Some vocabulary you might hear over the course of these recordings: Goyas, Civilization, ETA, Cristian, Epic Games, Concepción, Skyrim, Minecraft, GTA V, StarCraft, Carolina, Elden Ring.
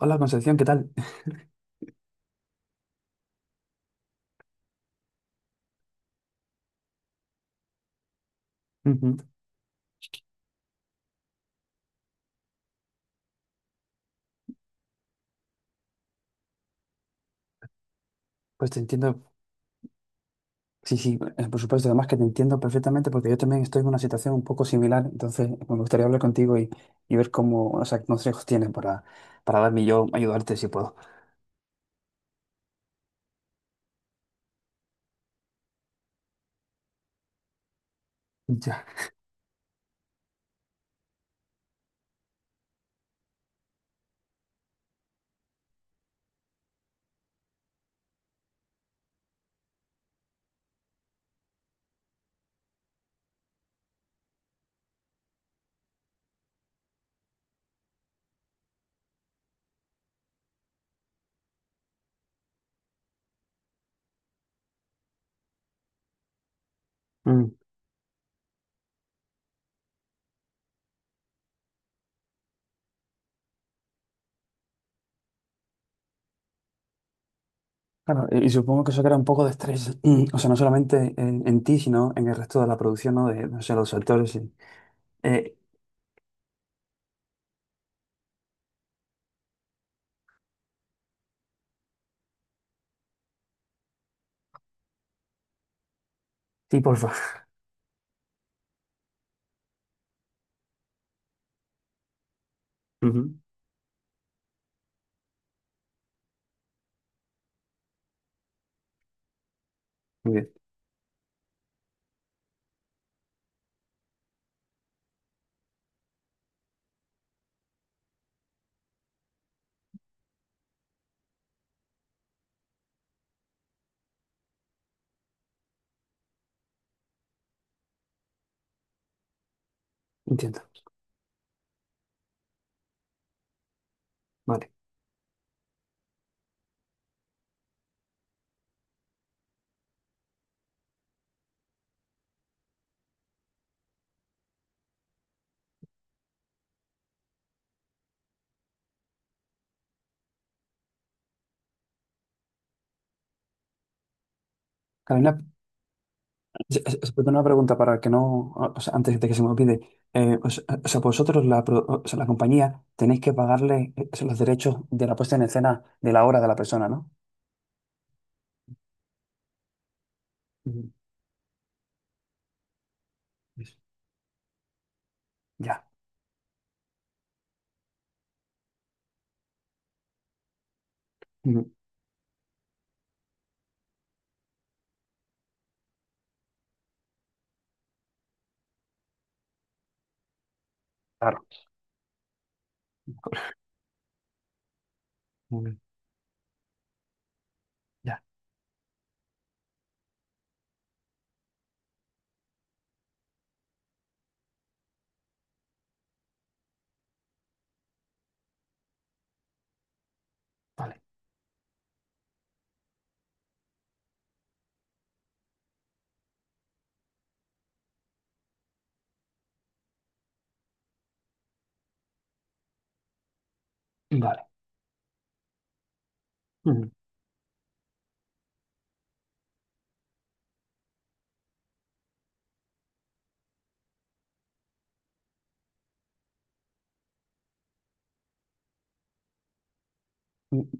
Hola Concepción, ¿qué tal? Ujú. Pues te entiendo, sí, sí, por supuesto, además que te entiendo perfectamente porque yo también estoy en una situación un poco similar, entonces pues, me gustaría hablar contigo y ver cómo, o sea, qué consejos tienes para darme y yo, ayudarte si puedo. Ya. Mm. Claro, y supongo que eso crea un poco de estrés, o sea, no solamente en ti, sino en el resto de la producción, ¿no? De, no sé, los actores y... Eh, sí, porfa. Ujú. Muy bien, entiendo. Vale. Carolina, sí, sí, sí, una pregunta para que no, o sea, antes de que se me olvide. O sea, vosotros, la, o sea, la compañía, tenéis que pagarle los derechos de la puesta en escena de la obra de la persona, ¿no? Ujú. Ya. Ujú. Claro. Muy bien. Ya, vale, vale. Ujú. Ujú.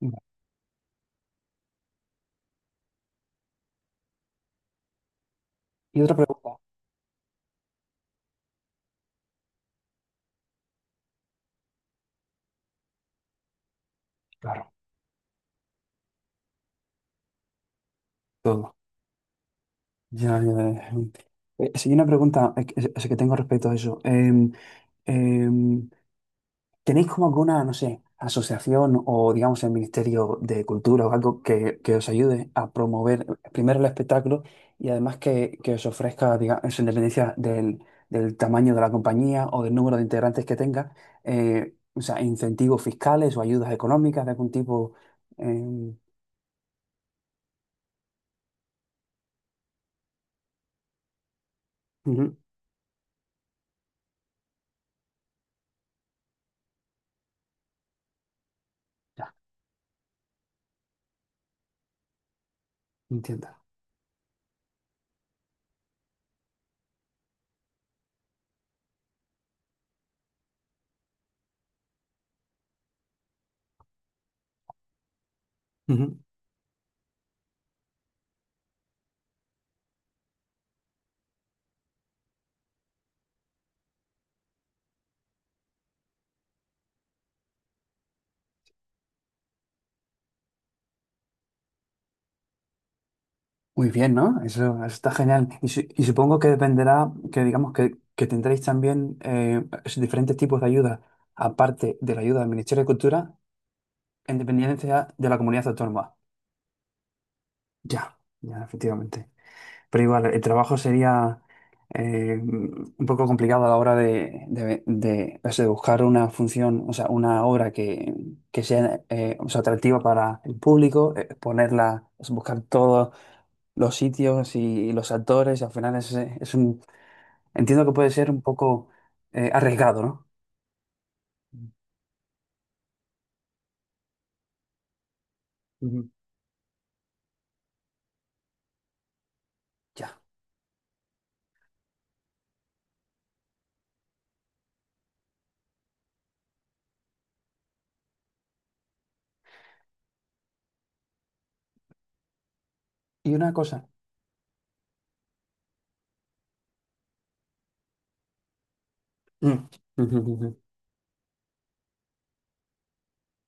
Ujú. Y otra pregunta, claro, todo. Ya, ya, ya. Sí, una pregunta que tengo respecto a eso. Eh, ¿Tenéis como alguna, no sé, asociación o digamos el Ministerio de Cultura o algo que os ayude a promover primero el espectáculo y además que os ofrezca, digamos, en dependencia del, del tamaño de la compañía o del número de integrantes que tenga, o sea, incentivos fiscales o ayudas económicas de algún tipo? eh, ujú, ya, entiendo. Ujú. Muy bien, ¿no? Eso está genial. Y, y supongo que dependerá, que digamos que tendréis también esos diferentes tipos de ayuda, aparte de la ayuda del Ministerio de Cultura, en dependencia de la comunidad autónoma. Ya, ya, efectivamente. Pero igual, el trabajo sería un poco complicado a la hora de, de, o sea, de buscar una función, o sea, una obra que sea, o sea, atractiva para el público, ponerla, o sea, buscar todo los sitios y, los actores, al final es un, entiendo que puede ser un poco arriesgado, ¿no? Ujú. Ya. Y una cosa. Mm. Ujú, ujú, ujú.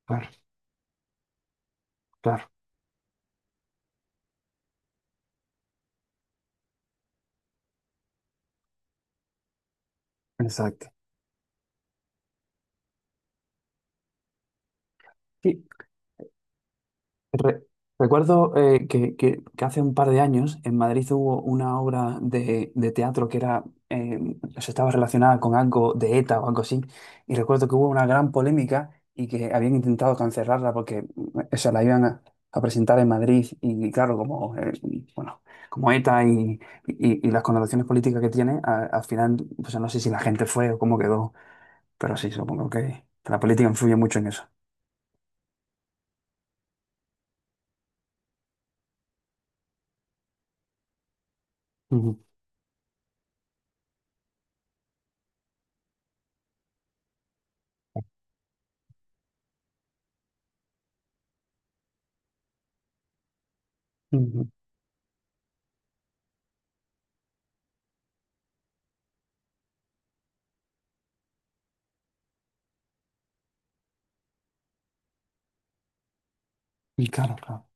Claro, claro, exacto. Sí, Re- recuerdo que hace un par de años en Madrid hubo una obra de teatro que era, eh, o sea, estaba relacionada con algo de ETA o algo así, y recuerdo que hubo una gran polémica y que habían intentado cancelarla porque o sea, la iban a presentar en Madrid y claro, como, bueno, como ETA y, y las connotaciones políticas que tiene, al final, pues no sé si la gente fue o cómo quedó, pero sí, supongo que la política influye mucho en eso. Ujú, ujú. Y claro, claro.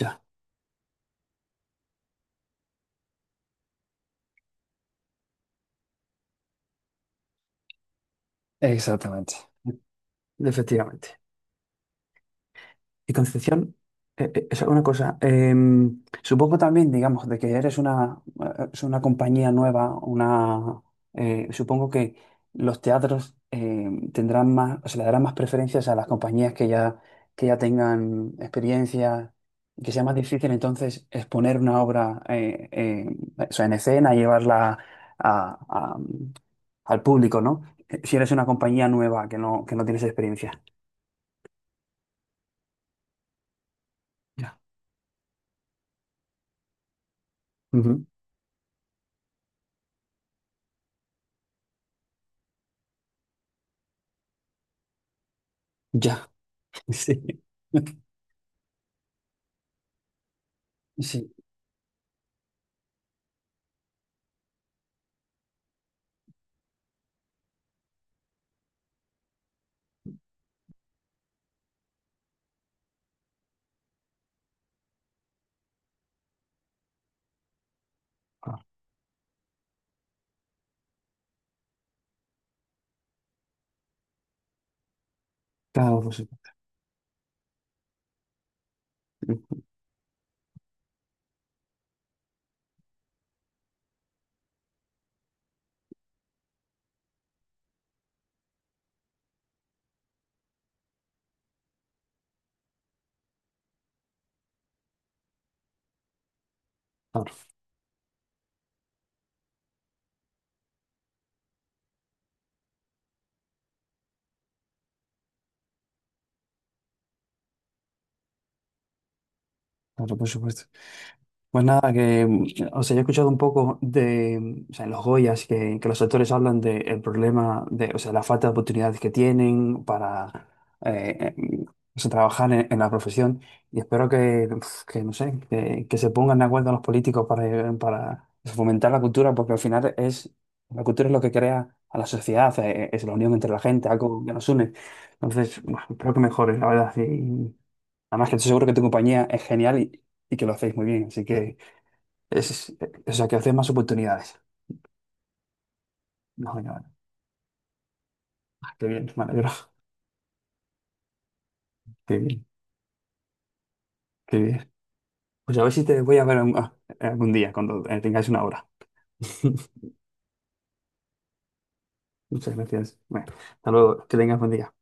Ya. Exactamente. Efectivamente. Y Concepción, es una cosa, supongo también, digamos, de que eres una, es una compañía nueva, una, supongo que los teatros tendrán más, o se le darán más preferencias a las compañías que ya tengan experiencia y que sea más difícil entonces exponer una obra o sea, en escena y llevarla a- a- al público, ¿no? Si eres una compañía nueva que no tienes experiencia. Ya. Ujú. Ya. Sí. Sí. Ah. Claro, por supuesto. Claro, claro, por supuesto. Pues nada, que, o sea, yo he escuchado un poco de, o sea, en los Goyas que los actores hablan del problema de, o sea, la falta de oportunidades que tienen para eh, eh, o sea, trabajar en la profesión y espero que, uf, que no sé, que se pongan de acuerdo los políticos para fomentar la cultura, porque al final es, la cultura es lo que crea a la sociedad, es la unión entre la gente, algo que nos une. Entonces, bueno, espero que mejore, la verdad. Y, además que estoy seguro que tu compañía es genial y que lo hacéis muy bien, así que... Es, o sea, que haces más oportunidades. No, no, no. Qué bien, me alegro. Qué bien, qué bien. Pues a ver si te voy a ver ah, algún día, cuando tengáis una hora. Muchas gracias. Bueno, hasta luego, que tengas buen día.